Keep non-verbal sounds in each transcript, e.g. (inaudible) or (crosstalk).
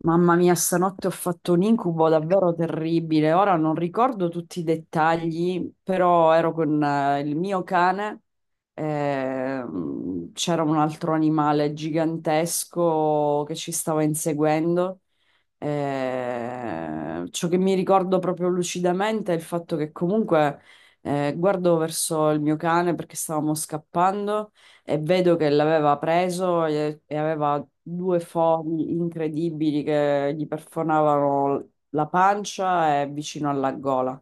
Mamma mia, stanotte ho fatto un incubo davvero terribile. Ora non ricordo tutti i dettagli, però ero con il mio cane. C'era un altro animale gigantesco che ci stava inseguendo. Ciò che mi ricordo proprio lucidamente è il fatto che comunque, guardo verso il mio cane perché stavamo scappando e vedo che l'aveva preso e aveva due fori incredibili che gli perforavano la pancia e vicino alla gola.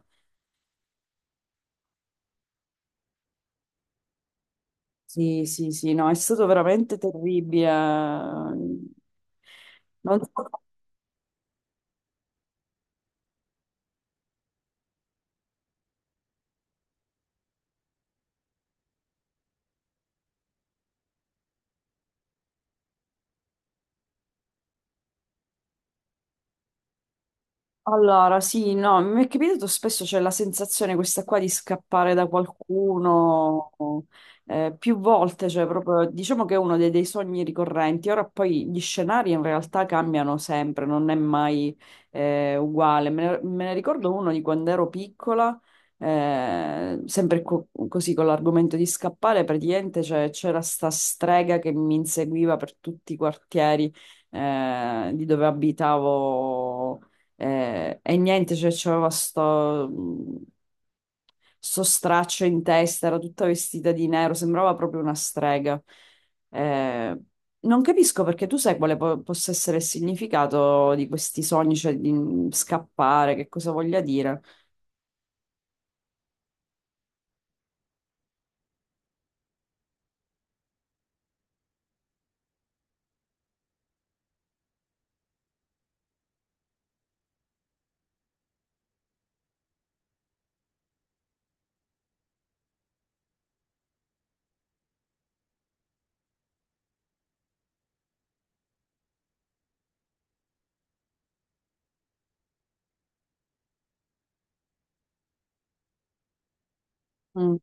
Sì, sì, sì, no, è stato veramente terribile. Non so. Allora, sì, no, mi è capitato spesso, c'è la sensazione questa qua di scappare da qualcuno più volte, cioè proprio diciamo che è uno dei sogni ricorrenti. Ora poi gli scenari in realtà cambiano sempre, non è mai uguale. Me ne ricordo uno di quando ero piccola, sempre così con l'argomento di scappare, praticamente cioè, c'era sta strega che mi inseguiva per tutti i quartieri di dove abitavo. E niente, cioè c'aveva sto, sto straccio in testa, era tutta vestita di nero, sembrava proprio una strega. Eh, Non capisco, perché tu sai quale possa essere il significato di questi sogni, cioè di scappare, che cosa voglia dire. Mm.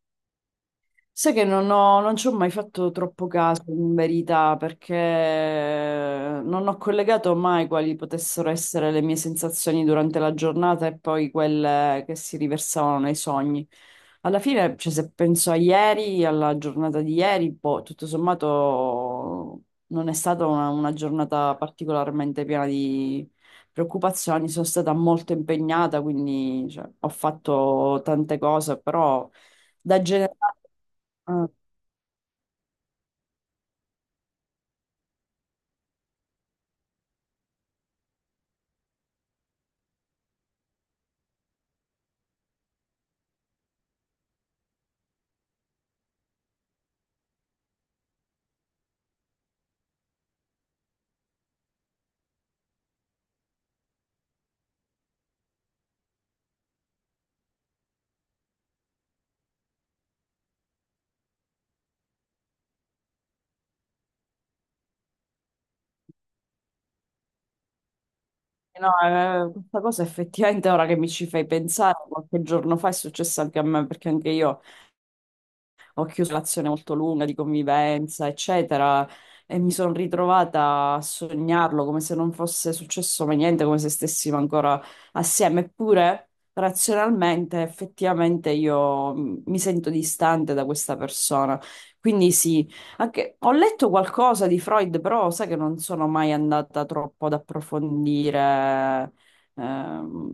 Sai che non ci ho mai fatto troppo caso, in verità, perché non ho collegato mai quali potessero essere le mie sensazioni durante la giornata e poi quelle che si riversavano nei sogni. Alla fine, cioè, se penso a ieri, alla giornata di ieri, boh, tutto sommato non è stata una giornata particolarmente piena di preoccupazioni, sono stata molto impegnata, quindi, cioè, ho fatto tante cose, però da generale... eh, No, questa cosa effettivamente ora che mi ci fai pensare, qualche giorno fa è successo anche a me, perché anche io ho chiuso una relazione molto lunga di convivenza, eccetera, e mi sono ritrovata a sognarlo come se non fosse successo mai niente, come se stessimo ancora assieme. Eppure, razionalmente, effettivamente io mi sento distante da questa persona. Quindi sì, ho letto qualcosa di Freud, però sai che non sono mai andata troppo ad approfondire ehm,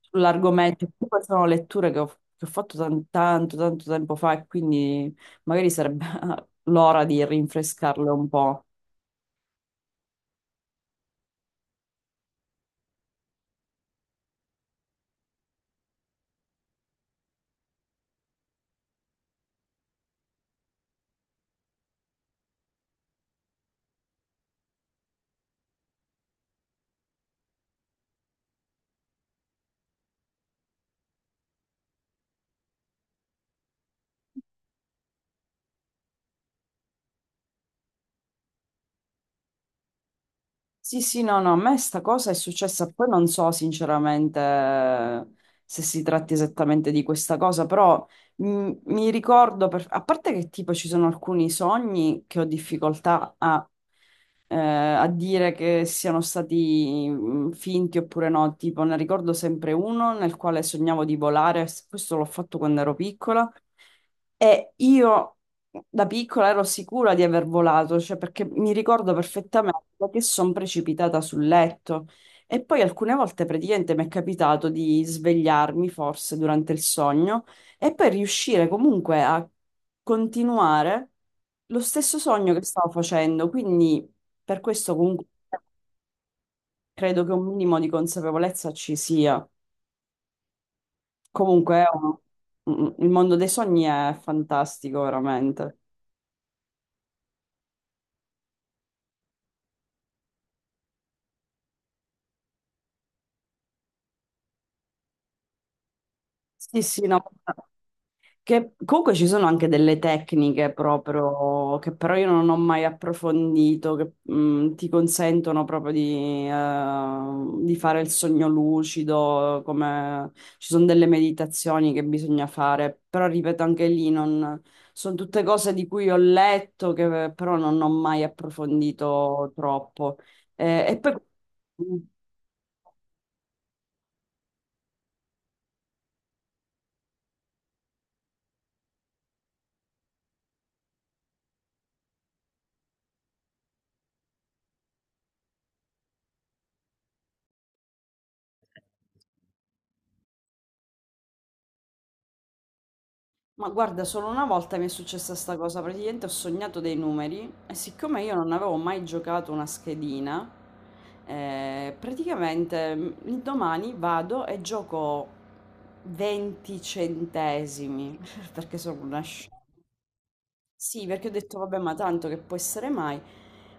sull'argomento. Poi sono letture che ho fatto tanto, tanto tempo fa, e quindi magari sarebbe (laughs) l'ora di rinfrescarle un po'. Sì, sì, no, no, a me sta cosa è successa, poi non so sinceramente se si tratti esattamente di questa cosa, però mi ricordo, a parte che tipo ci sono alcuni sogni che ho difficoltà a, a dire che siano stati finti oppure no. Tipo, ne ricordo sempre uno nel quale sognavo di volare, questo l'ho fatto quando ero piccola, e io da piccola ero sicura di aver volato, cioè perché mi ricordo perfettamente che sono precipitata sul letto. E poi alcune volte praticamente mi è capitato di svegliarmi forse durante il sogno e poi riuscire comunque a continuare lo stesso sogno che stavo facendo, quindi per questo comunque credo che un minimo di consapevolezza ci sia. Comunque è un- il mondo dei sogni è fantastico, veramente. Sì, sì, no. Che comunque ci sono anche delle tecniche proprio che però io non ho mai approfondito, che ti consentono proprio di fare il sogno lucido, come ci sono delle meditazioni che bisogna fare, però ripeto anche lì non, sono tutte cose di cui ho letto che però non ho mai approfondito troppo. E poi mhmm, ma guarda, solo una volta mi è successa sta cosa, praticamente ho sognato dei numeri e siccome io non avevo mai giocato una schedina, praticamente il domani vado e gioco 20 centesimi, (laughs) perché sono una sciocca. Sì, perché ho detto, vabbè, ma tanto che può essere mai.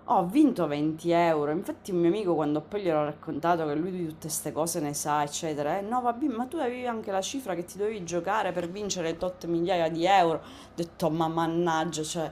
Ho vinto 20 euro. Infatti, un mio amico, quando poi gliel'ho raccontato, che lui di tutte queste cose ne sa, eccetera, eh no, vabbè, ma tu avevi anche la cifra che ti dovevi giocare per vincere tot migliaia di euro. Ho detto, ma mannaggia, cioè,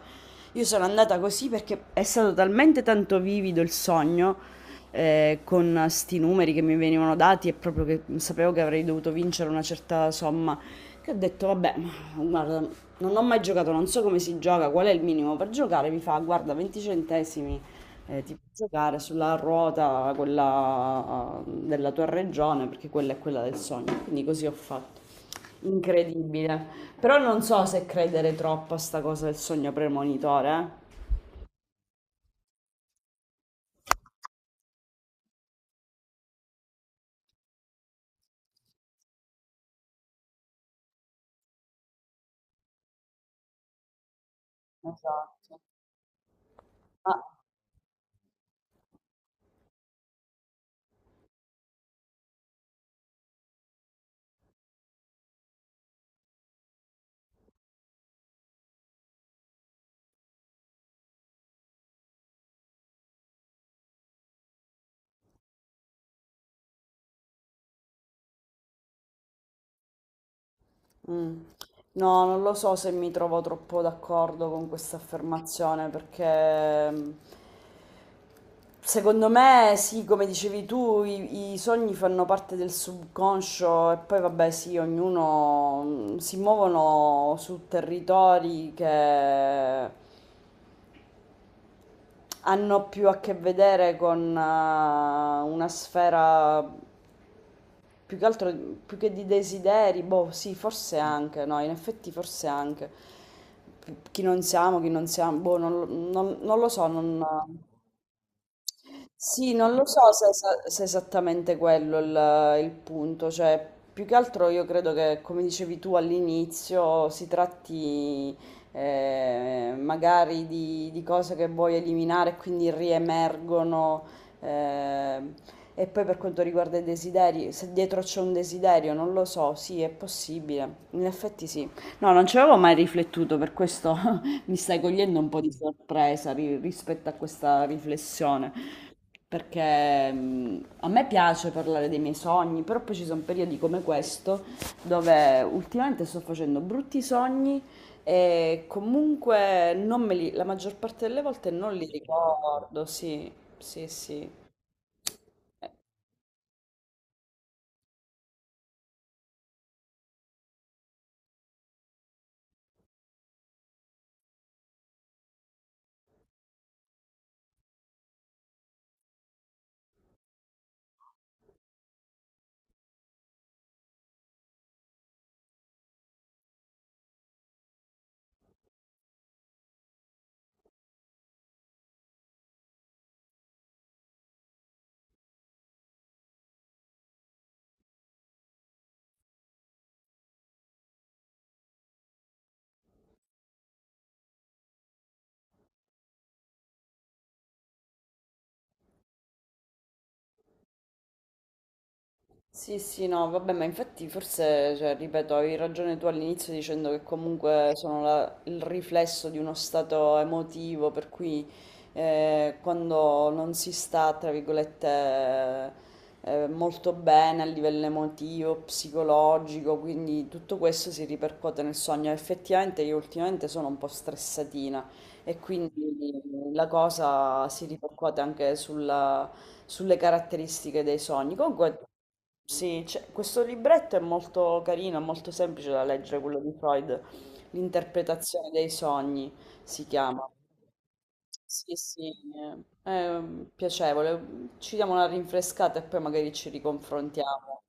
io sono andata così perché è stato talmente tanto vivido il sogno. Con sti numeri che mi venivano dati, e proprio che sapevo che avrei dovuto vincere una certa somma, che ho detto, vabbè, ma guarda, non ho mai giocato, non so come si gioca, qual è il minimo per giocare. Mi fa, guarda, 20 centesimi, ti puoi giocare sulla ruota, quella della tua regione, perché quella è quella del sogno. Quindi così ho fatto. Incredibile. Però non so se credere troppo a sta cosa del sogno premonitore. Eh. Esatto. Ah, mm. No, non lo so se mi trovo troppo d'accordo con questa affermazione perché... secondo me, sì, come dicevi tu, i sogni fanno parte del subconscio e poi vabbè, sì, ognuno si muovono su territori che hanno più a che vedere con una sfera più che altro, più che di desideri, boh, sì, forse anche, no, in effetti forse anche. Chi non siamo, boh, non, lo non- non lo so, non... Sì, non lo so se, se è esattamente quello il punto, cioè più che altro io credo che, come dicevi tu all'inizio, si tratti magari di cose che vuoi eliminare e quindi riemergono. E poi per quanto riguarda i desideri, se dietro c'è un desiderio, non lo so, sì, è possibile, in effetti sì. No, non ci avevo mai riflettuto, per questo. (laughs) Mi stai cogliendo un po' di sorpresa rispetto a questa riflessione, perché a me piace parlare dei miei sogni, però poi ci sono periodi come questo dove ultimamente sto facendo brutti sogni e comunque non me li, la maggior parte delle volte non li ricordo, sì, sì, sì. Sì, sì, no, vabbè, ma infatti forse, cioè, ripeto, avevi ragione tu all'inizio dicendo che comunque sono il riflesso di uno stato emotivo, per cui quando non si sta, tra virgolette, molto bene a livello emotivo, psicologico, quindi tutto questo si ripercuote nel sogno. Effettivamente io ultimamente sono un po' stressatina, e quindi la cosa si ripercuote anche sulla, sulle caratteristiche dei sogni. Comunque, sì, questo libretto è molto carino, è molto semplice da leggere, quello di Freud, L'interpretazione dei sogni si chiama. Sì, sì, è piacevole. Ci diamo una rinfrescata e poi magari ci riconfrontiamo.